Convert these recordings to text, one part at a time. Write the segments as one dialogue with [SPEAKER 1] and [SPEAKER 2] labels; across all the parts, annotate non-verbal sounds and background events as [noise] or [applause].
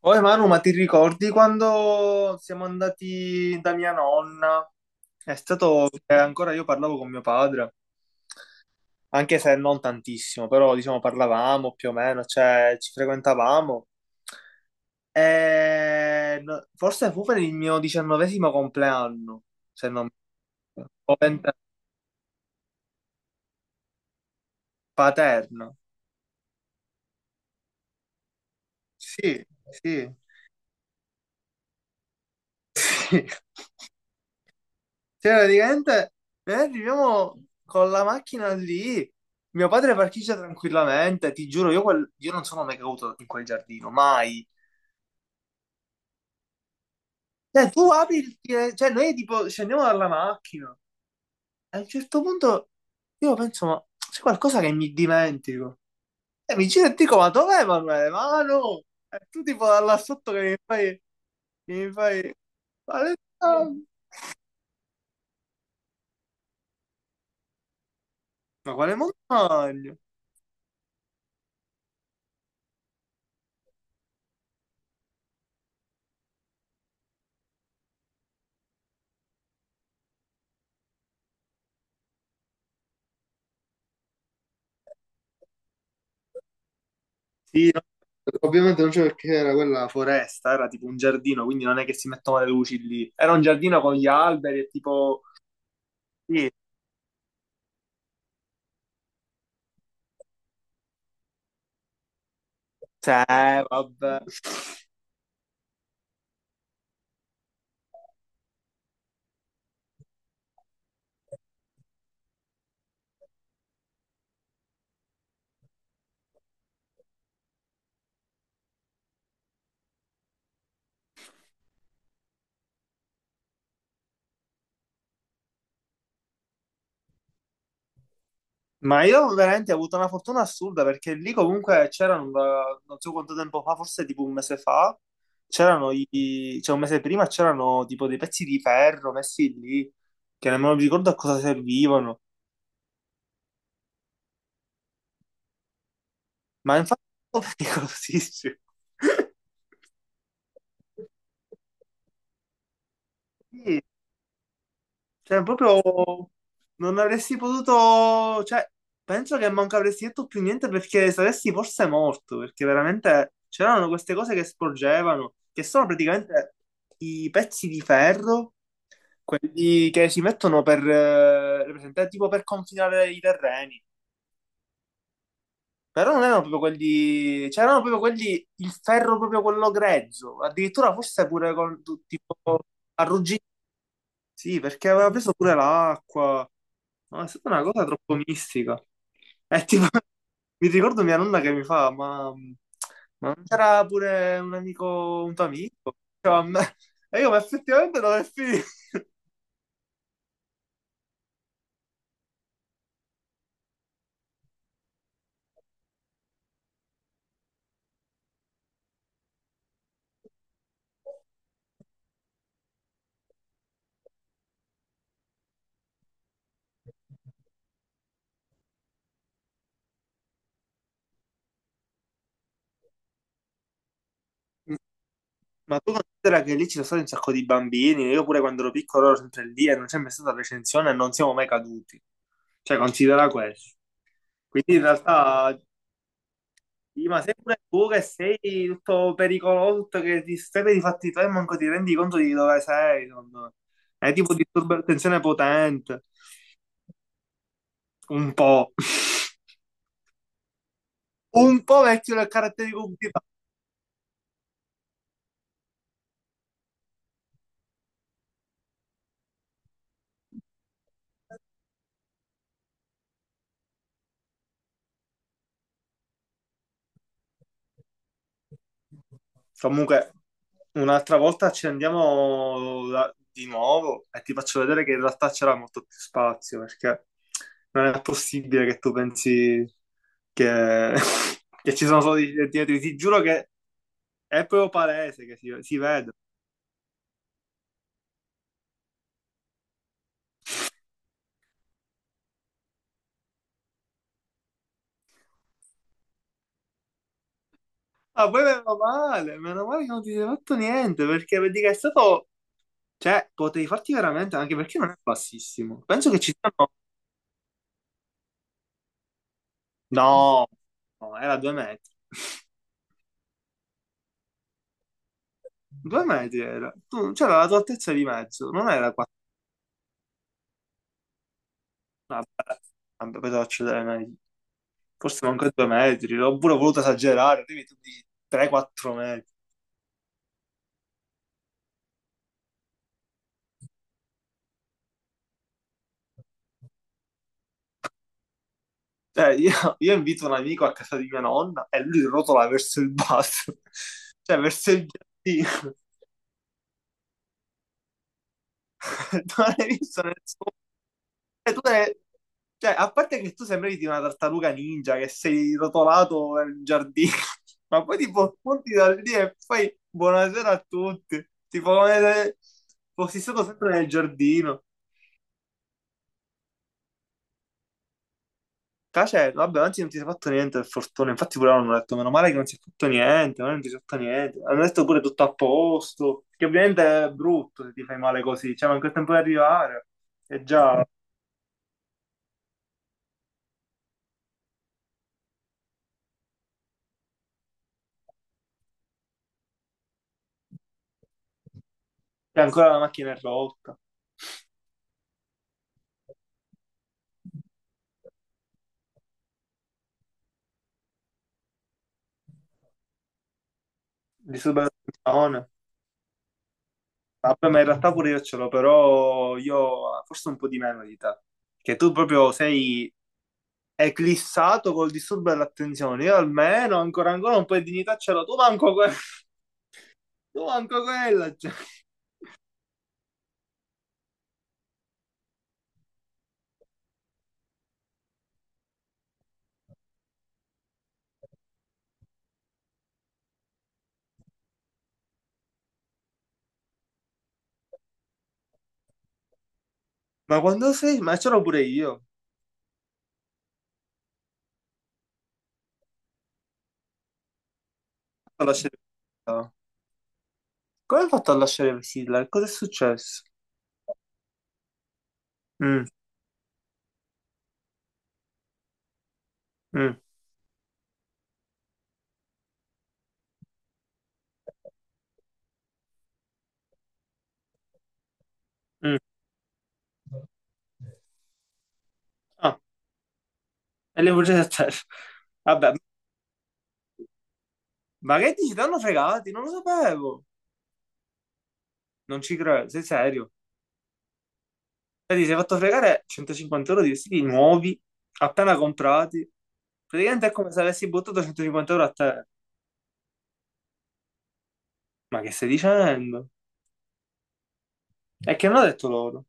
[SPEAKER 1] Oh Emanuele, ma ti ricordi quando siamo andati da mia nonna? È stato che ancora io parlavo con mio padre, anche se non tantissimo, però diciamo parlavamo più o meno, cioè ci frequentavamo. Forse fu per il mio 19° compleanno, se non mi sbaglio, o 20°, paterno. Sì, sì, [laughs] sì. Cioè, praticamente noi arriviamo con la macchina lì, mio padre parcheggia tranquillamente, ti giuro, io non sono mai caduto in quel giardino, mai. Cioè, tu apri il fine- cioè noi tipo scendiamo dalla macchina, e a un certo punto io penso, ma c'è qualcosa che mi dimentico. E mi giro e dico, ma dov'è Emanuele? Ma no! E tu tipo da là sotto che mi fai, che mi fai, quale- ma quale montagna? Sì, ovviamente non c'è perché era quella foresta, era tipo un giardino, quindi non è che si mettono le luci lì. Era un giardino con gli alberi e tipo... Sì, cioè, vabbè. Ma io veramente ho avuto una fortuna assurda perché lì comunque c'erano, non so quanto tempo fa, forse tipo un mese fa, c'erano cioè un mese prima c'erano tipo dei pezzi di ferro messi lì, che nemmeno mi ricordo a cosa servivano. Ma infatti è pericolosissimo. [laughs] Cioè, proprio non avresti potuto, cioè, penso che manco avresti detto più niente perché saresti forse morto, perché veramente c'erano queste cose che sporgevano, che sono praticamente i pezzi di ferro, quelli che si mettono per, presente, tipo per confinare i terreni. Però non erano proprio quelli, c'erano proprio quelli, il ferro proprio quello grezzo, addirittura forse pure con, tipo, arrugginito. Sì, perché aveva preso pure l'acqua. Ma è stata una cosa troppo mistica. E tipo, [laughs] mi ricordo mia nonna che mi fa, ma non c'era pure un amico, un tuo amico? Cioè, e io, ma effettivamente non è finito. [laughs] Ma tu considera che lì ci sono stati un sacco di bambini, io pure quando ero piccolo ero sempre lì e non c'è mai stata recensione e non siamo mai caduti. Cioè, considera questo. Quindi in realtà Sì, ma sei pure tu che sei tutto pericoloso, tutto che ti stai di fatti tuoi e manco ti rendi conto di dove sei, secondo me. È tipo disturbo di attenzione potente. Un po'. [laughs] Un po' vecchio nel caratterico di. Comunque, un'altra volta ci andiamo di nuovo e ti faccio vedere che in realtà c'era molto più spazio, perché non è possibile che tu pensi che, [laughs] che ci sono solo i dietro. Ti giuro che è proprio palese che si vede. Ah, poi meno male che non ti sei fatto niente, perché vedi che è stato... Cioè, potevi farti veramente, anche perché non è bassissimo. Penso che ci siano... No, no, era 2 metri. [laughs] 2 metri era. Tu, c'era la tua altezza di mezzo, non era quattro... Vabbè, vabbè, poi devo accedere meglio. Forse manco 2 metri, oppure ho voluto esagerare, quindi tu dici 3-4 metri. Cioè, io invito un amico a casa di mia nonna e lui rotola verso il basso, [laughs] cioè verso il giardino. [laughs] Non hai visto nessuno. Eh, tu te- cioè, a parte che tu sembri di una tartaruga ninja che sei rotolato nel giardino, [laughs] ma poi tipo punti da lì e fai buonasera a tutti, tipo come se fossi stato sempre nel giardino. Cioè, vabbè, anzi non ti sei fatto niente per fortuna, infatti pure loro hanno detto meno male che non si è fatto niente, ma non ti sei fatto niente, hanno detto pure tutto a posto, che ovviamente è brutto se ti fai male così, cioè manca il tempo di arrivare e già e ancora la macchina è rotta, disturba la. Vabbè, ma in realtà pure io ce l'ho, però io forse un po' di meno di te. Che tu proprio sei eclissato col disturbo dell'attenzione. Io almeno ancora ancora un po' di dignità ce l'ho. Tu manco, [laughs] tu manco quella. Cioè. Ma quando sei? Ma ce l'ho pure io. Ho lasciato- Fiddler. Come hai fatto a lasciare Sidler? Cosa è successo? Mm, mm, mm. Ah, e le bugie a terra. Vabbè, ma che dici? Ti hanno fregati? Non lo sapevo. Non ci credo, sei serio? Vedi, si è fatto fregare 150 euro di vestiti nuovi, appena comprati. Praticamente è come se avessi buttato 150 euro a te. Ma che stai dicendo? E che non ho detto loro.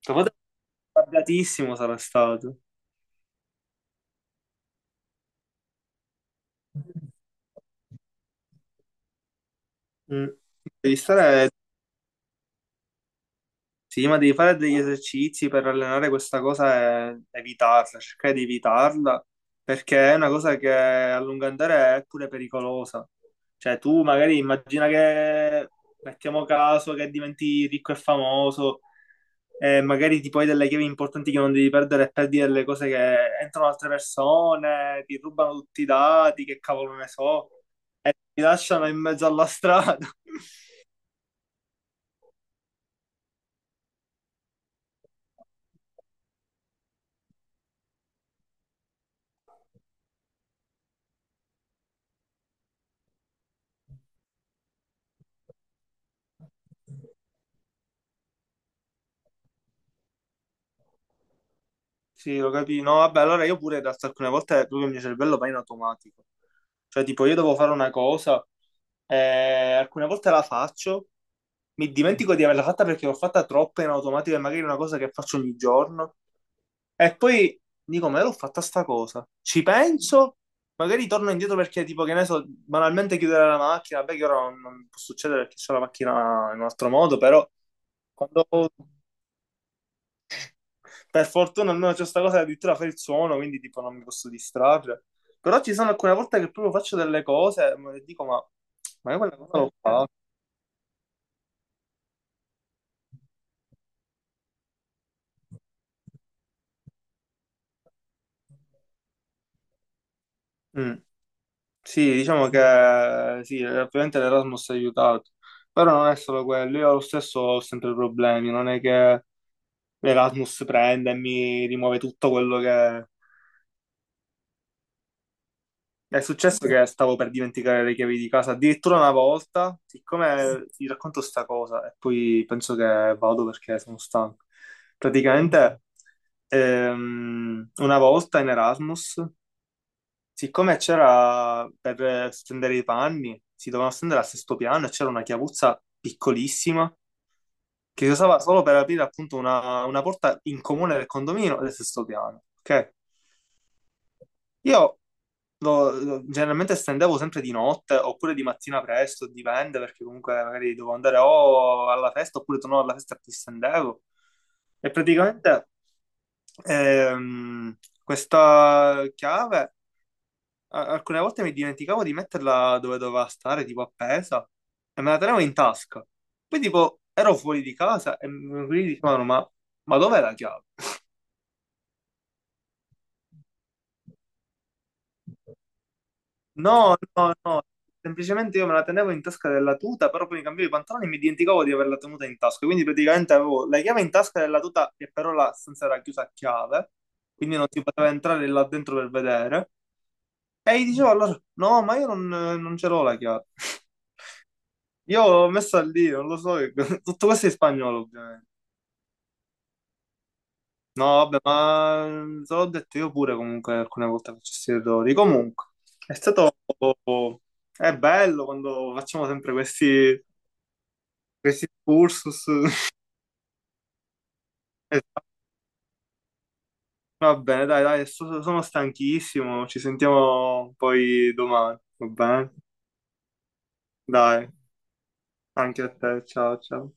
[SPEAKER 1] Tuo padre è arrabbiatissimo sarà stato. Mm. Devi stare. Sì, ma devi fare degli esercizi per allenare questa cosa e evitarla, cercare di evitarla, perché è una cosa che a lungo andare è pure pericolosa. Cioè, tu magari immagina che, mettiamo caso, che diventi ricco e famoso, e magari ti puoi delle chiavi importanti che non devi perdere e perdi delle cose che entrano altre persone, ti rubano tutti i dati, che cavolo ne so, ti lasciano in mezzo alla strada. [laughs] Sì, lo capito. No, vabbè, allora io pure in realtà alcune volte proprio il mio cervello va in automatico. Cioè, tipo, io devo fare una cosa, alcune volte la faccio, mi dimentico di averla fatta perché l'ho fatta troppo in automatico e magari è una cosa che faccio ogni giorno. E poi dico, ma io l'ho fatta sta cosa? Ci penso, magari torno indietro perché, tipo, che ne so, banalmente chiudere la macchina, beh, che ora non può succedere perché c'è la macchina in un altro modo, però quando... Per fortuna almeno c'è questa cosa che addirittura fa il suono, quindi tipo non mi posso distrarre. Però ci sono alcune volte che proprio faccio delle cose e dico, ma, io quella cosa l'ho fatta. Mm. Sì, diciamo che sì, ovviamente l'Erasmus ha aiutato, però non è solo quello, io lo stesso ho sempre problemi, non è che l'Erasmus prende e mi rimuove tutto quello che... È successo che stavo per dimenticare le chiavi di casa, addirittura una volta, siccome ti racconto sta cosa e poi penso che vado perché sono stanco. Praticamente una volta in Erasmus, siccome c'era per stendere i panni, si dovevano stendere al sesto piano e c'era una chiavuzza piccolissima che si usava solo per aprire appunto una porta in comune del condominio del sesto piano, ok? Io generalmente stendevo sempre di notte oppure di mattina presto, dipende perché comunque magari dovevo andare o alla festa oppure tornavo alla festa e ti stendevo. E praticamente ehm, questa chiave alcune volte mi dimenticavo di metterla dove doveva stare, tipo appesa, e me la tenevo in tasca. Poi tipo ero fuori di casa e mi dicevano ma, dov'è la chiave? No, no, no, semplicemente io me la tenevo in tasca della tuta, però poi mi cambiavo i pantaloni e mi dimenticavo di averla tenuta in tasca, quindi praticamente avevo la chiave in tasca della tuta che però la stanza era chiusa a chiave, quindi non si poteva entrare là dentro per vedere, e gli dicevo allora, no, ma io non ce l'ho la chiave, [laughs] io l'ho messa lì, non lo so, che- [laughs] tutto questo è in spagnolo ovviamente. No, vabbè, ma te l'ho detto io pure comunque alcune volte faccio questi errori, comunque, è stato... È bello quando facciamo sempre questi... Questi excursus, [laughs] esatto, va bene, dai, dai, sono stanchissimo, ci sentiamo poi domani, va bene? Dai, anche a te, ciao, ciao.